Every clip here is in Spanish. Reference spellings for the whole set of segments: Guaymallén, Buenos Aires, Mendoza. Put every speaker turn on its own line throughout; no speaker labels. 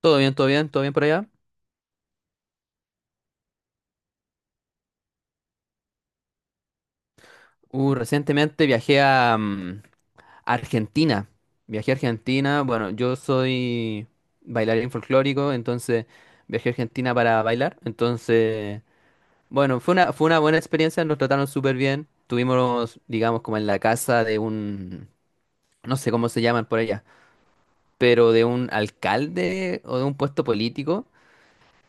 Todo bien, todo bien, todo bien por allá. Recientemente viajé a Argentina. Viajé a Argentina. Bueno, yo soy bailarín folclórico, entonces viajé a Argentina para bailar. Entonces, bueno, fue una buena experiencia, nos trataron súper bien. Tuvimos, digamos, como en la casa de un, no sé cómo se llaman por allá, pero de un alcalde o de un puesto político.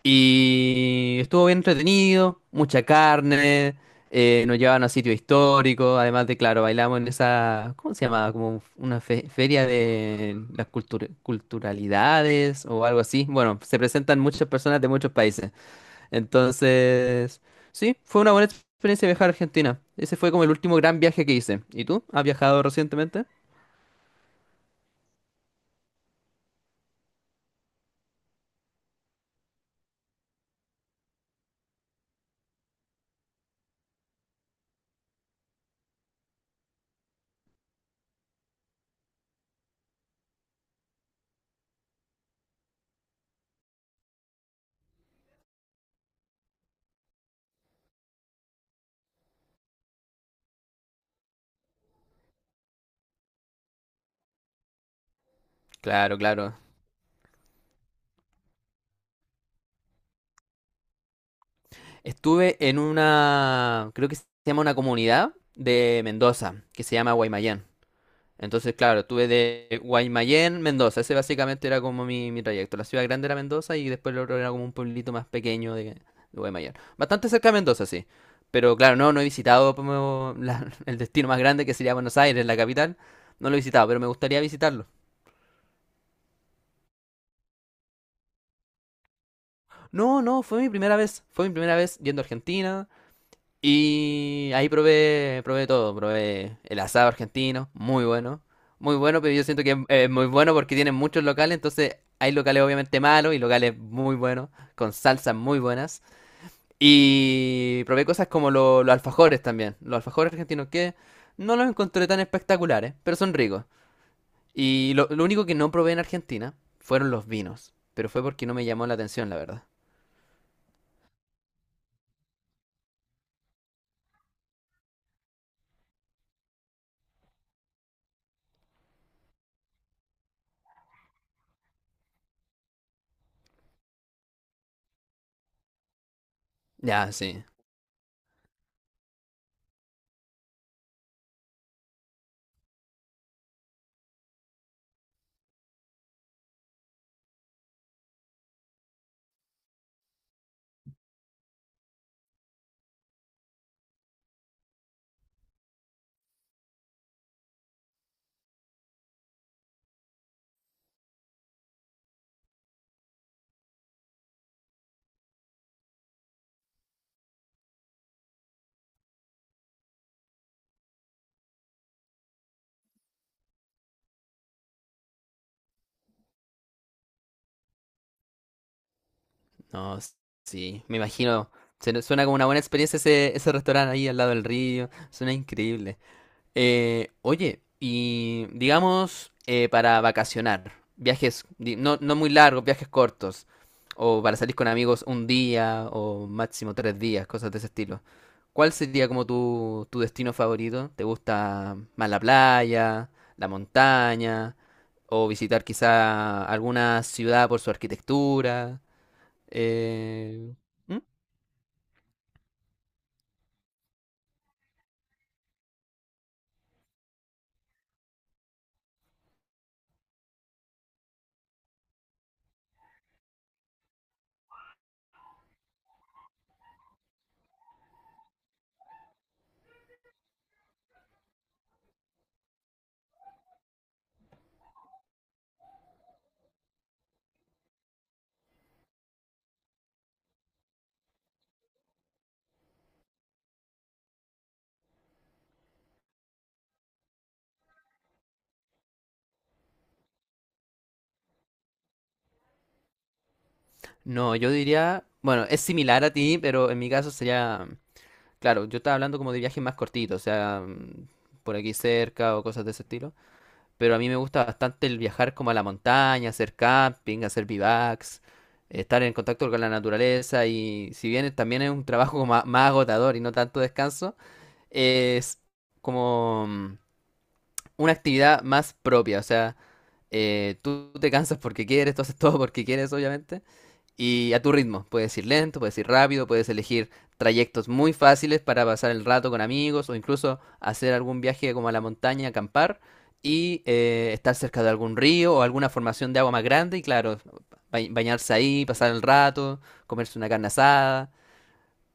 Y estuvo bien entretenido, mucha carne, nos llevaban a sitios históricos, además de, claro, bailamos en esa, ¿cómo se llamaba? Como una feria de las culturalidades o algo así. Bueno, se presentan muchas personas de muchos países. Entonces, sí, fue una buena experiencia viajar a Argentina. Ese fue como el último gran viaje que hice. ¿Y tú? ¿Has viajado recientemente? Claro, claro. Estuve en una, creo que se llama una comunidad de Mendoza, que se llama Guaymallén. Entonces, claro, tuve de Guaymallén, Mendoza. Ese básicamente era como mi trayecto. La ciudad grande era Mendoza y después lo otro era como un pueblito más pequeño de Guaymallén. Bastante cerca de Mendoza, sí. Pero claro, no he visitado como el destino más grande que sería Buenos Aires, la capital. No lo he visitado, pero me gustaría visitarlo. No, no, fue mi primera vez. Fue mi primera vez yendo a Argentina. Y ahí probé, probé todo, probé el asado argentino, muy bueno, muy bueno, pero yo siento que es muy bueno porque tienen muchos locales, entonces hay locales obviamente malos y locales muy buenos, con salsas muy buenas. Y probé cosas como los alfajores también, los alfajores argentinos que no los encontré tan espectaculares, pero son ricos. Y lo único que no probé en Argentina fueron los vinos, pero fue porque no me llamó la atención, la verdad. Ya, sí. No, s- sí, me imagino. Suena como una buena experiencia ese restaurante ahí al lado del río. Suena increíble. Oye, y digamos para vacacionar, viajes no muy largos, viajes cortos, o para salir con amigos un día o máximo tres días, cosas de ese estilo. ¿Cuál sería como tu destino favorito? ¿Te gusta más la playa, la montaña, o visitar quizá alguna ciudad por su arquitectura? Eh, ¿mm? No, yo diría, bueno, es similar a ti, pero en mi caso sería, claro, yo estaba hablando como de viajes más cortitos, o sea, por aquí cerca o cosas de ese estilo, pero a mí me gusta bastante el viajar como a la montaña, hacer camping, hacer bivacs, estar en contacto con la naturaleza y si bien también es un trabajo más, agotador y no tanto descanso, es como una actividad más propia, o sea, tú te cansas porque quieres, tú haces todo porque quieres, obviamente, y a tu ritmo, puedes ir lento, puedes ir rápido, puedes elegir trayectos muy fáciles para pasar el rato con amigos o incluso hacer algún viaje como a la montaña, acampar y estar cerca de algún río o alguna formación de agua más grande y claro, bañarse ahí, pasar el rato, comerse una carne asada,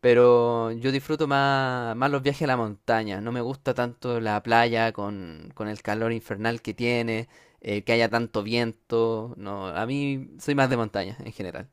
pero yo disfruto más los viajes a la montaña. No me gusta tanto la playa con el calor infernal que tiene, que haya tanto viento. No, a mí soy más de montaña en general.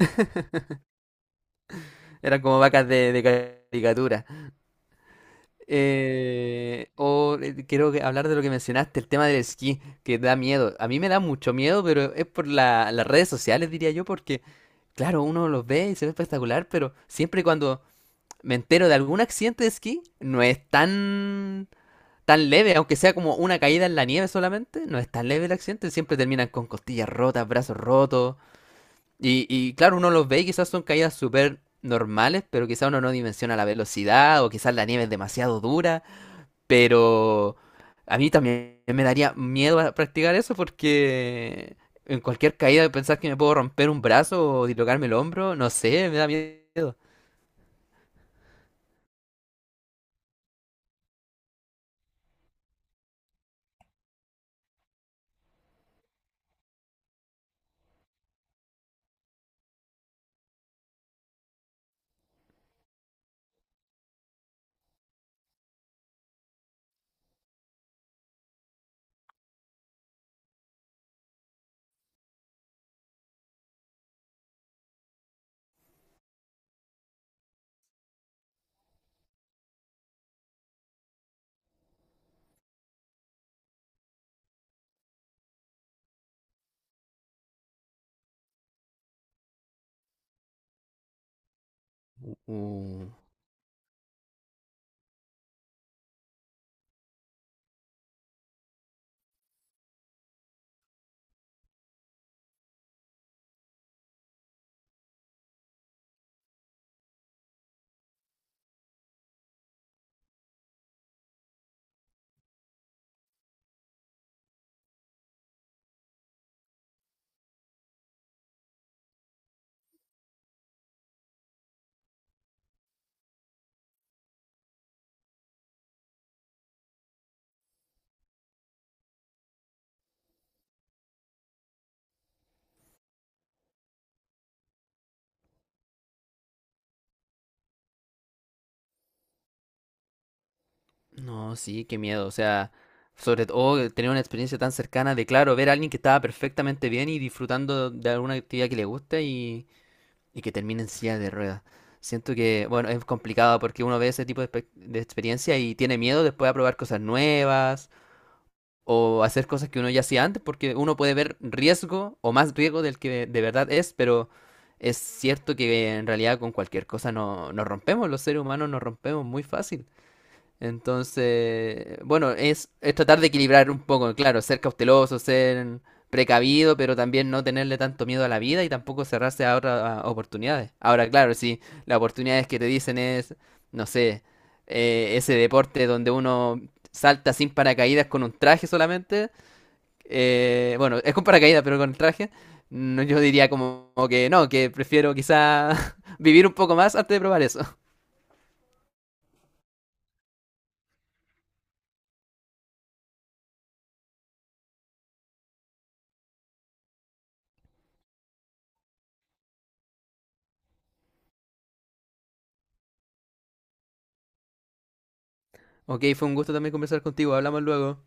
Eran como vacas de caricatura. Hablar de lo que mencionaste, el tema del esquí, que da miedo. A mí me da mucho miedo, pero es por las redes sociales, diría yo, porque, claro, uno los ve y se ve espectacular, pero siempre cuando me entero de algún accidente de esquí, no es tan leve, aunque sea como una caída en la nieve solamente, no es tan leve el accidente, siempre terminan con costillas rotas, brazos rotos. Y claro, uno los ve y quizás son caídas súper normales, pero quizás uno no dimensiona la velocidad o quizás la nieve es demasiado dura, pero a mí también me daría miedo a practicar eso porque en cualquier caída pensar que me puedo romper un brazo o dislocarme el hombro, no sé, me da miedo. Uh, No, sí, qué miedo. O sea, sobre todo tener una experiencia tan cercana de, claro, ver a alguien que estaba perfectamente bien y disfrutando de alguna actividad que le gusta y que termine en silla de ruedas. Siento que, bueno, es complicado porque uno ve ese tipo de, de experiencia y tiene miedo después a probar cosas nuevas o hacer cosas que uno ya hacía antes porque uno puede ver riesgo o más riesgo del que de verdad es, pero es cierto que en realidad con cualquier cosa no, nos rompemos, los seres humanos nos rompemos muy fácil. Entonces, bueno, es tratar de equilibrar un poco, claro, ser cauteloso, ser precavido, pero también no tenerle tanto miedo a la vida y tampoco cerrarse a otras a oportunidades. Ahora, claro, si las oportunidades que te dicen es, no sé, ese deporte donde uno salta sin paracaídas con un traje solamente, bueno, es con paracaídas, pero con el traje, no, yo diría como, como que no, que prefiero quizá vivir un poco más antes de probar eso. Ok, fue un gusto también conversar contigo, hablamos luego.